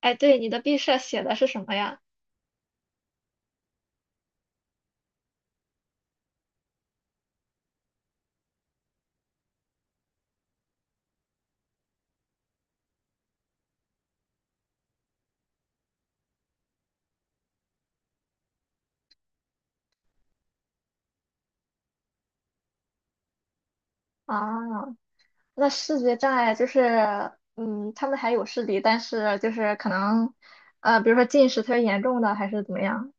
哎，对，你的毕设写的是什么呀？啊，那视觉障碍就是，嗯，他们还有视力，但是就是可能，比如说近视特别严重的，还是怎么样？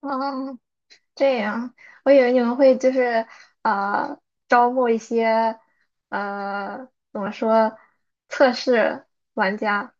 嗯，这样，我以为你们会就是，呃，招募一些，呃，怎么说，测试玩家。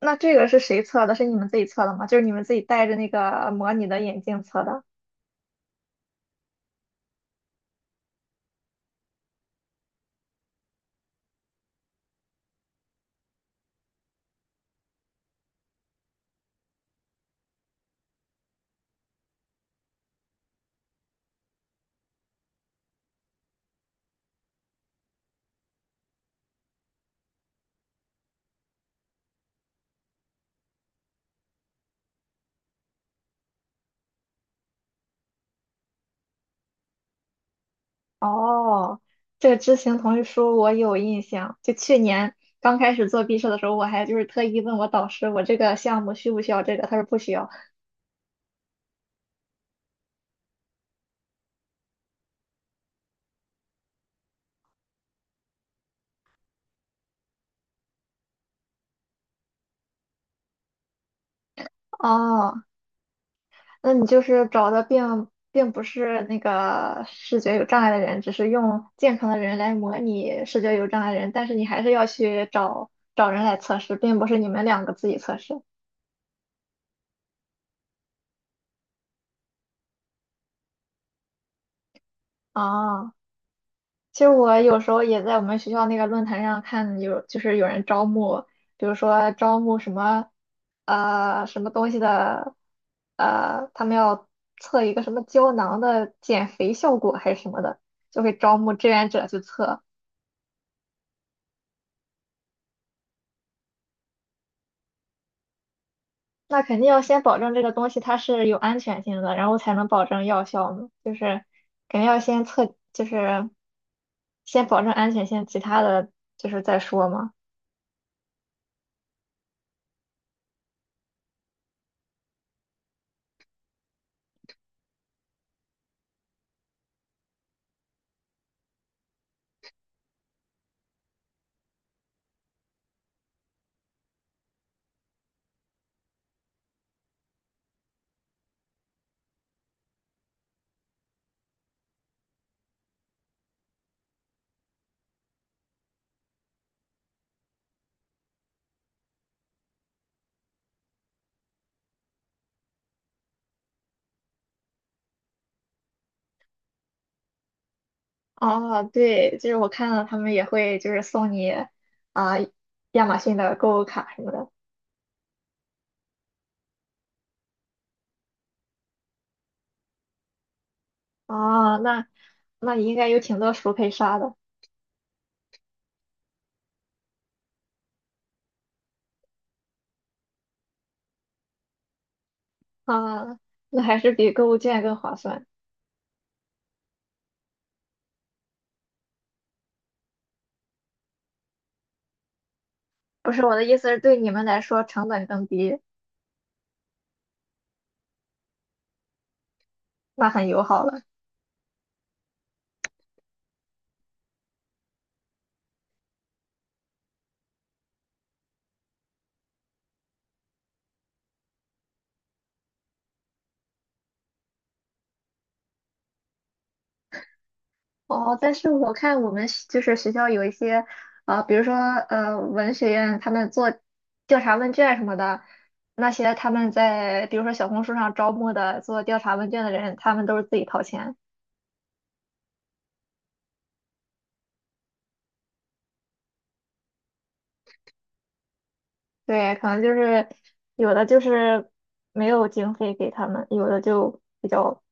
那这个是谁测的？是你们自己测的吗？就是你们自己戴着那个模拟的眼镜测的？哦，这个知行同意书我有印象。就去年刚开始做毕设的时候，我还就是特意问我导师，我这个项目需不需要这个？他说不需要。哦，那你就是找的并不是那个视觉有障碍的人，只是用健康的人来模拟视觉有障碍的人，但是你还是要去找找人来测试，并不是你们两个自己测试。哦，其实我有时候也在我们学校那个论坛上看有，就是有人招募，比如说招募什么，什么东西的，他们要测一个什么胶囊的减肥效果还是什么的，就会招募志愿者去测。那肯定要先保证这个东西它是有安全性的，然后才能保证药效嘛。就是肯定要先测，就是先保证安全性，其他的就是再说嘛。哦，对，就是我看到他们也会就是送你啊、亚马逊的购物卡什么的。哦，那你应该有挺多熟可以刷的啊、那还是比购物券更划算。不是我的意思是对你们来说成本更低，那很友好了。哦，但是我看我们学就是学校有一些啊、比如说文学院他们做调查问卷什么的。那些他们在比如说小红书上招募的做调查问卷的人，他们都是自己掏钱。对，可能就是有的就是没有经费给他们，有的就比较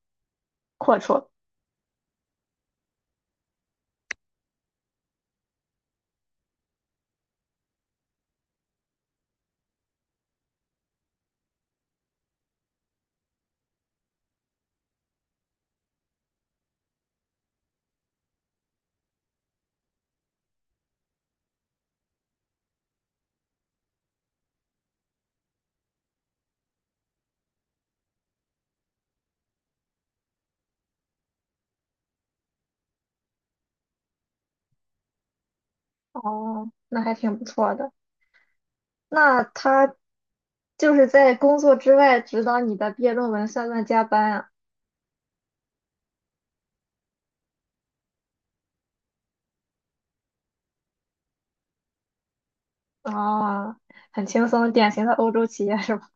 阔绰。哦，那还挺不错的。那他就是在工作之外指导你的毕业论文，算不算加班啊？哦，很轻松，典型的欧洲企业是吧？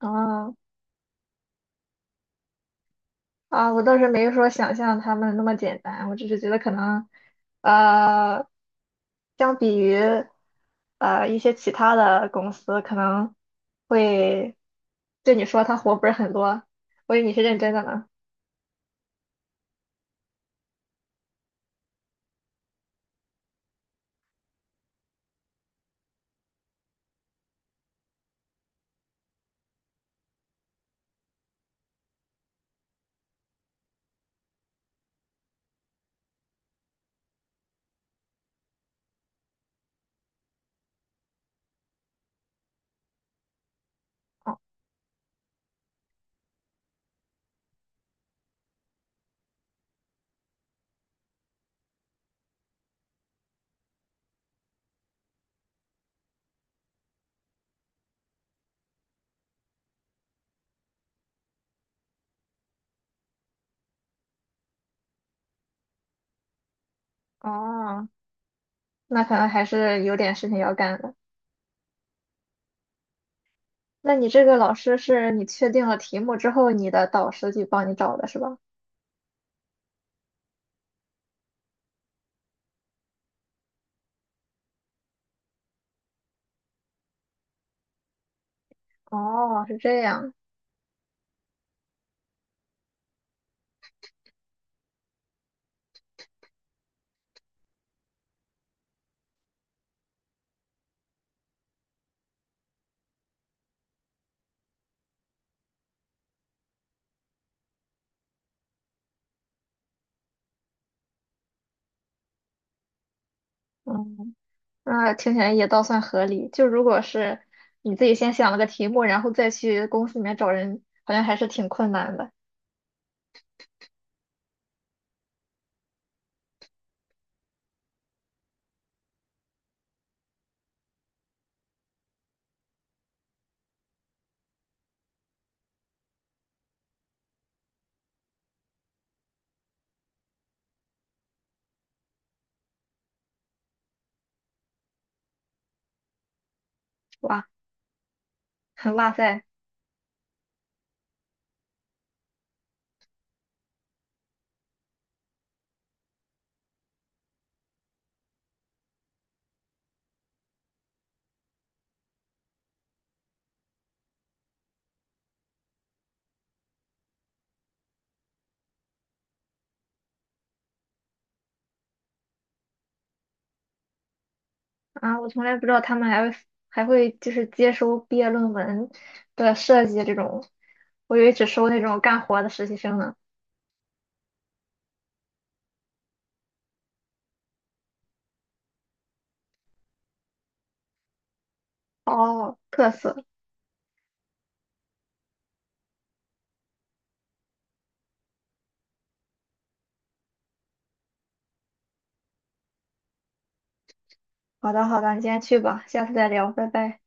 哦，啊，我倒是没说想象他们那么简单，我只是觉得可能，呃，相比于一些其他的公司，可能会对你说他活不是很多，我以为你是认真的呢。哦，哦，那可能还是有点事情要干的。那你这个老师是你确定了题目之后，你的导师去帮你找的是吧？哦，是这样。嗯。那听起来也倒算合理。就如果是你自己先想了个题目，然后再去公司里面找人，好像还是挺困难的。哇，哇塞，啊，我从来不知道他们还会还会就是接收毕业论文的设计这种，我以为只收那种干活的实习生呢。哦，特色。好的，好的，你先去吧，下次再聊，拜拜。